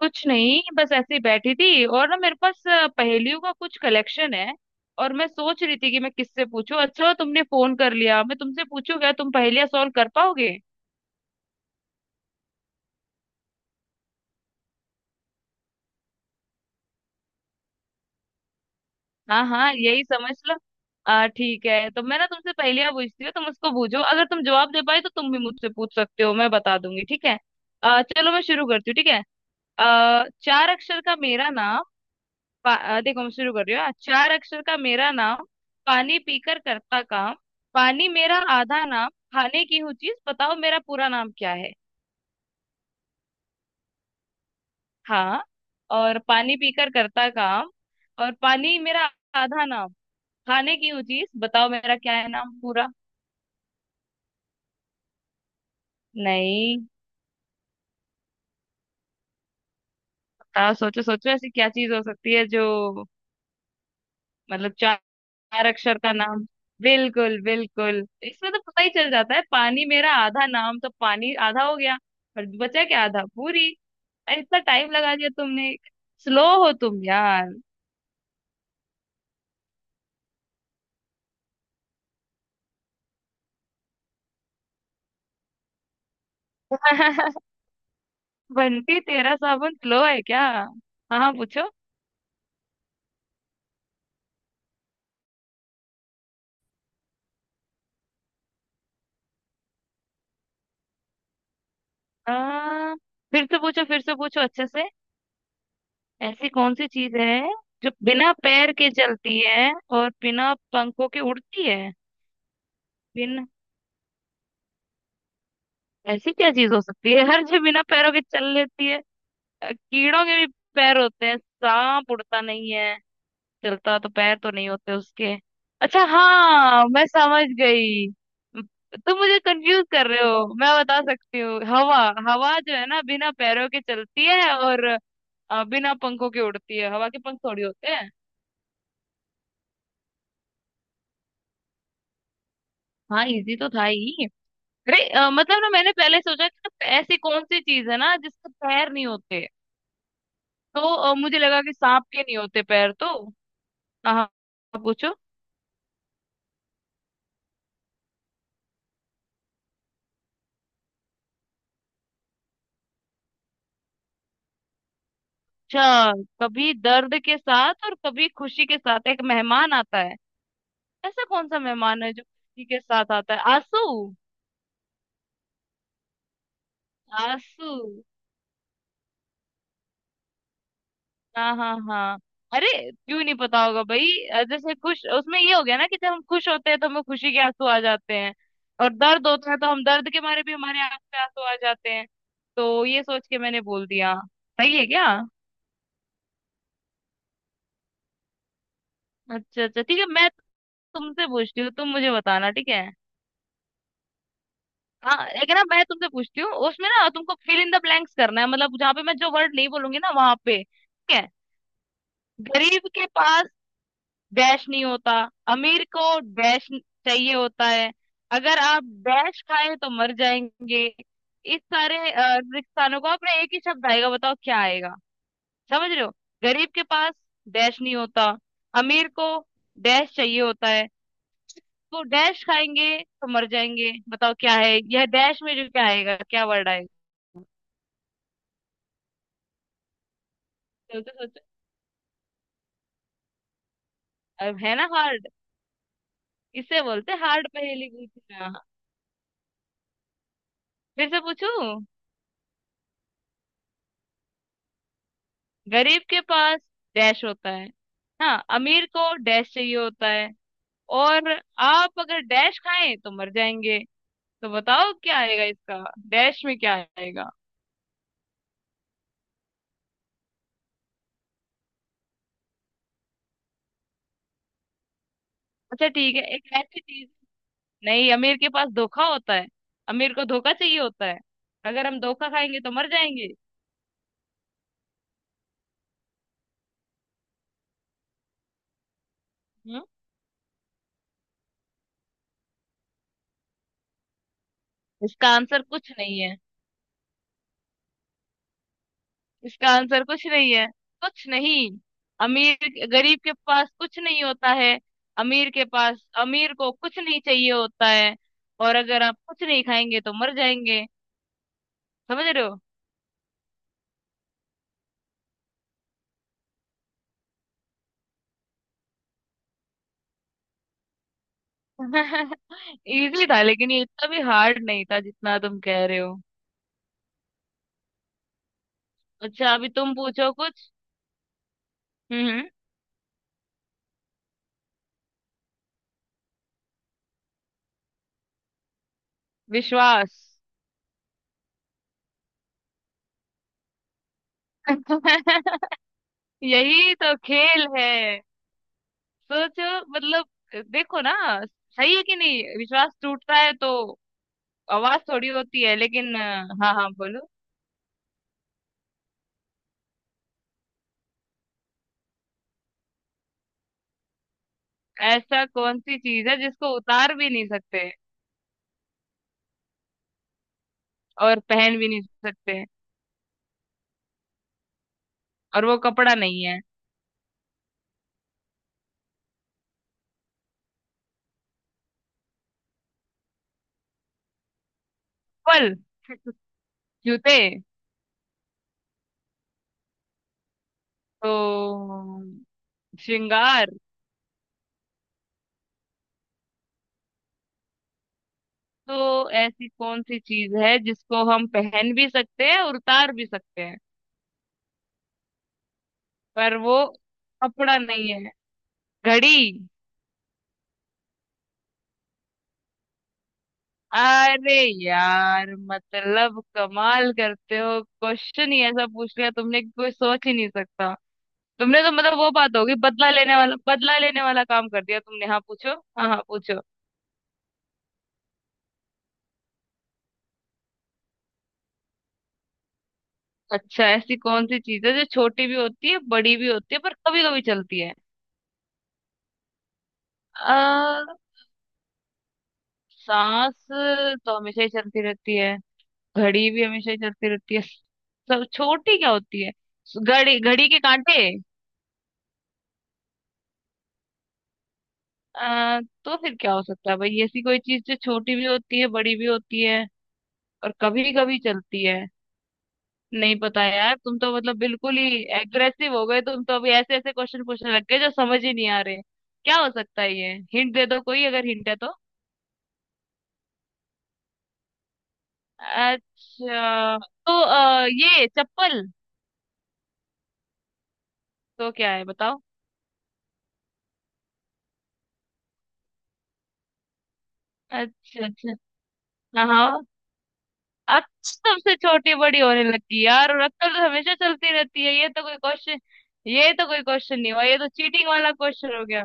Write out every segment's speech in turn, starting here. कुछ नहीं। बस ऐसे ही बैठी थी और ना मेरे पास पहेलियों का कुछ कलेक्शन है। और मैं सोच रही थी कि मैं किससे पूछूं। अच्छा हुआ तुमने फोन कर लिया। मैं तुमसे पूछूं, क्या तुम पहेलियां सॉल्व कर पाओगे? हाँ हाँ, यही समझ लो। आ ठीक है, तो मैं ना तुमसे पहेलियां पूछती हूँ। तुम उसको पूछो, अगर तुम जवाब दे पाए तो तुम भी मुझसे पूछ सकते हो, मैं बता दूंगी। ठीक है? चलो मैं शुरू करती हूँ। ठीक है? चार अक्षर का मेरा नाम, देखो मैं शुरू कर रही हूँ। चार अक्षर का मेरा नाम। पानी पीकर करता काम। पानी मेरा आधा नाम। खाने की हूँ चीज, बताओ मेरा पूरा नाम क्या है? हाँ। और पानी पीकर करता काम। और पानी मेरा आधा नाम। खाने की हूँ चीज, बताओ मेरा क्या है नाम पूरा? नहीं। बताओ, सोचो सोचो, ऐसी क्या चीज हो सकती है जो। मतलब चार, चार अक्षर का नाम। बिल्कुल बिल्कुल। इसमें तो पता ही चल जाता है, पानी मेरा आधा नाम, तो पानी आधा हो गया और बचा क्या? आधा पूरी। अरे इतना टाइम लगा दिया तुमने। स्लो हो तुम यार। बंटी तेरा साबुन स्लो है क्या? हाँ हाँ, पूछो। आ, फिर से पूछो, फिर से पूछो अच्छे से। ऐसी कौन सी चीज है जो बिना पैर के चलती है और बिना पंखों के उड़ती है? बिन ऐसी क्या चीज हो सकती है हर, जो बिना पैरों के चल लेती है। कीड़ों के भी पैर होते हैं, सांप उड़ता नहीं है। चलता, तो पैर तो नहीं होते उसके। अच्छा हाँ, मैं समझ गई। तुम मुझे कंफ्यूज कर रहे हो, मैं बता सकती हूँ, हवा। हवा जो है ना, बिना पैरों के चलती है और बिना पंखों के उड़ती है। हवा के पंख थोड़ी होते हैं। हाँ, इजी तो था ही। अरे मतलब ना, मैंने पहले सोचा कि ना ऐसी कौन सी चीज है ना जिसके पैर नहीं होते। तो मुझे लगा कि सांप के नहीं होते पैर तो। हाँ हाँ, पूछो। अच्छा, कभी दर्द के साथ और कभी खुशी के साथ एक मेहमान आता है। ऐसा कौन सा मेहमान है जो खुशी के साथ आता है? आंसू। आंसू। हाँ हाँ हाँ। अरे क्यों नहीं पता होगा भाई। जैसे खुश, उसमें ये हो गया ना कि जब हम खुश होते हैं तो हमें खुशी के आंसू आ जाते हैं। और दर्द होता है तो हम दर्द के मारे भी, हमारे आंख पे आंसू आ जाते हैं। तो ये सोच के मैंने बोल दिया। सही है क्या? अच्छा अच्छा, ठीक है। मैं तुमसे पूछती हूँ, तुम मुझे बताना। ठीक है? हाँ, लेकिन ना मैं तुमसे पूछती हूँ उसमें ना तुमको फिल इन द ब्लैंक्स करना है, मतलब जहाँ पे मैं जो वर्ड नहीं बोलूंगी ना वहां पे। ठीक है? गरीब के पास डैश नहीं होता। अमीर को डैश चाहिए होता है। अगर आप डैश खाएं तो मर जाएंगे। इस सारे रिक्सानों को अपने एक ही शब्द आएगा, बताओ क्या आएगा? समझ रहे हो? गरीब के पास डैश नहीं होता। अमीर को डैश चाहिए होता है। तो डैश खाएंगे तो मर जाएंगे। बताओ क्या है यह डैश में जो, क्या आएगा, क्या वर्ड आएगा? सोचो। अब है ना हार्ड? इसे बोलते हैं हार्ड पहेली पूछना। फिर से पूछूं? गरीब के पास डैश होता है। हाँ, अमीर को डैश चाहिए होता है। और आप अगर डैश खाएं तो मर जाएंगे। तो बताओ क्या आएगा इसका? डैश में क्या आएगा? अच्छा ठीक है, एक ऐसी चीज। नहीं, अमीर के पास धोखा होता है। अमीर को धोखा चाहिए होता है। अगर हम धोखा खाएंगे तो मर जाएंगे। हम्म। इसका आंसर कुछ नहीं है। इसका आंसर कुछ नहीं है। कुछ नहीं। अमीर गरीब के पास कुछ नहीं होता है। अमीर के पास, अमीर को कुछ नहीं चाहिए होता है। और अगर आप कुछ नहीं खाएंगे तो मर जाएंगे। समझ रहे हो? इजी था, लेकिन ये इतना भी हार्ड नहीं था जितना तुम कह रहे हो। अच्छा, अभी तुम पूछो कुछ। हम्म हम्म, विश्वास। यही तो खेल है। सोचो मतलब। देखो ना। सही है कि नहीं, विश्वास टूटता है तो आवाज थोड़ी होती है, लेकिन हाँ हाँ, बोलो। ऐसा कौन सी चीज है जिसको उतार भी नहीं सकते और पहन भी नहीं सकते और वो कपड़ा नहीं है? फल। जूते। तो श्रृंगार। तो ऐसी कौन सी चीज है जिसको हम पहन भी सकते हैं और उतार भी सकते हैं पर वो कपड़ा नहीं है? घड़ी। अरे यार, मतलब कमाल करते हो, क्वेश्चन ही ऐसा पूछ लिया तुमने कि कोई सोच ही नहीं सकता। तुमने तो मतलब वो बात होगी, बदला लेने वाला, बदला लेने वाला काम कर दिया तुमने। हाँ पूछो, हाँ हाँ पूछो। अच्छा, ऐसी कौन सी चीज है जो छोटी भी होती है, बड़ी भी होती है, पर कभी कभी चलती है? आ, सांस तो हमेशा ही चलती रहती है। घड़ी भी हमेशा ही चलती रहती है, सब छोटी क्या होती है? घड़ी, घड़ी के कांटे। आ, तो फिर क्या हो सकता है भाई? ऐसी कोई चीज जो छोटी भी होती है, बड़ी भी होती है और कभी कभी चलती है। नहीं पता यार, तुम तो मतलब बिल्कुल ही एग्रेसिव हो गए, तुम तो अभी ऐसे ऐसे क्वेश्चन पूछने लग गए जो समझ ही नहीं आ रहे। क्या हो सकता है ये? हिंट दे दो कोई, अगर हिंट है तो। अच्छा। तो ये चप्पल। तो क्या है बताओ। अच्छा अच्छा। हाँ हाँ। अब सबसे छोटी, बड़ी होने लगी यार, और अक्कल तो हमेशा चलती रहती है, ये तो कोई क्वेश्चन। ये तो कोई क्वेश्चन नहीं हुआ, ये तो चीटिंग वाला क्वेश्चन हो गया।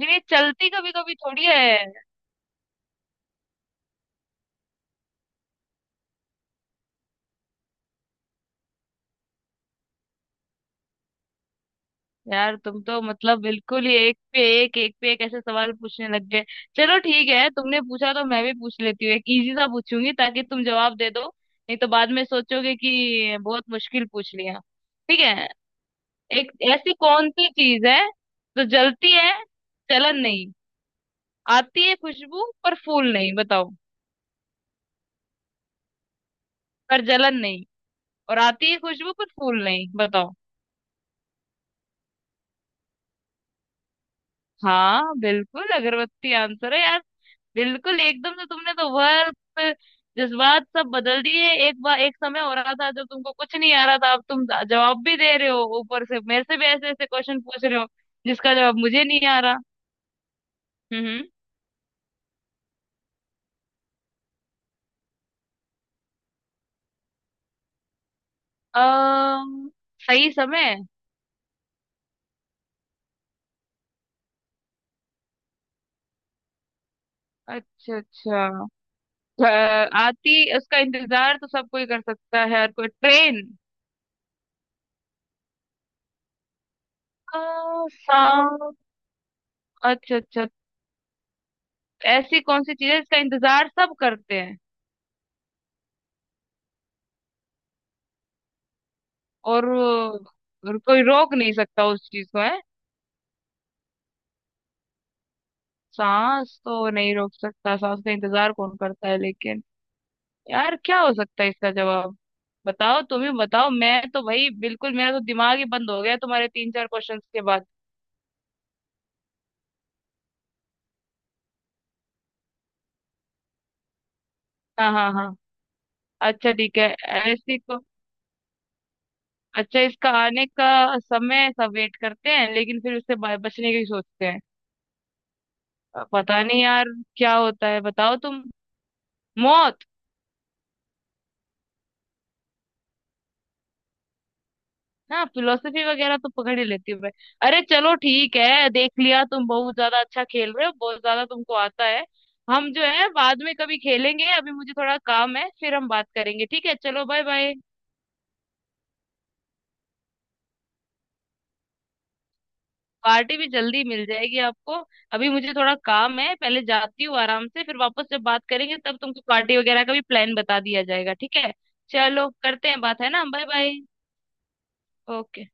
लेकिन ये चलती कभी कभी थोड़ी है। यार, तुम तो मतलब बिल्कुल ही एक पे एक ऐसे सवाल पूछने लग गए। चलो ठीक है, तुमने पूछा तो मैं भी पूछ लेती हूँ। एक इजी सा पूछूंगी ताकि तुम जवाब दे दो, नहीं तो बाद में सोचोगे कि बहुत मुश्किल पूछ लिया। ठीक है। एक ऐसी कौन सी चीज है जो जलती है, जलन नहीं, आती है खुशबू पर फूल नहीं, बताओ। पर जलन नहीं, और आती है खुशबू पर फूल नहीं, बताओ। हाँ बिल्कुल, अगरबत्ती आंसर है यार। बिल्कुल एकदम से, तुमने तो वर्ब, जज्बात सब बदल दिए। एक बार एक समय हो रहा था जब तुमको कुछ नहीं आ रहा था, अब तुम जवाब भी दे रहे हो, ऊपर से मेरे से भी ऐसे ऐसे क्वेश्चन पूछ रहे हो, जिसका जवाब मुझे नहीं आ रहा। हम्म। अम्म, सही समय। अच्छा अच्छा। अ, आती, उसका इंतजार तो सब कोई कर सकता है, हर कोई। ट्रेन। अ, सा। अच्छा अच्छा, ऐसी कौन सी चीज है जिसका इंतजार सब करते हैं? और कोई रोक नहीं सकता उस चीज को, है? सांस तो नहीं रोक सकता, सांस का इंतजार कौन करता है लेकिन। यार क्या हो सकता है इसका जवाब? बताओ, तुम ही बताओ, मैं तो भाई बिल्कुल, मेरा तो दिमाग ही बंद हो गया तुम्हारे तीन चार क्वेश्चंस के बाद। हाँ हाँ हाँ। अच्छा ठीक है। ऐसी को अच्छा, इसका आने का समय सब वेट करते हैं, लेकिन फिर उससे बचने की सोचते हैं। पता नहीं यार। क्या होता है, बताओ तुम। मौत। हाँ, फिलोसफी वगैरह तो पकड़ ही लेती हूँ मैं। अरे चलो ठीक है, देख लिया तुम बहुत ज्यादा अच्छा खेल रहे हो, बहुत ज्यादा तुमको आता है। हम जो है बाद में कभी खेलेंगे, अभी मुझे थोड़ा काम है, फिर हम बात करेंगे ठीक है? चलो बाय बाय। पार्टी भी जल्दी मिल जाएगी आपको। अभी मुझे थोड़ा काम है, पहले जाती हूँ आराम से, फिर वापस जब बात करेंगे तब तुमको पार्टी वगैरह का भी प्लान बता दिया जाएगा, ठीक है? चलो, करते हैं बात, है ना? Bye bye. ओके।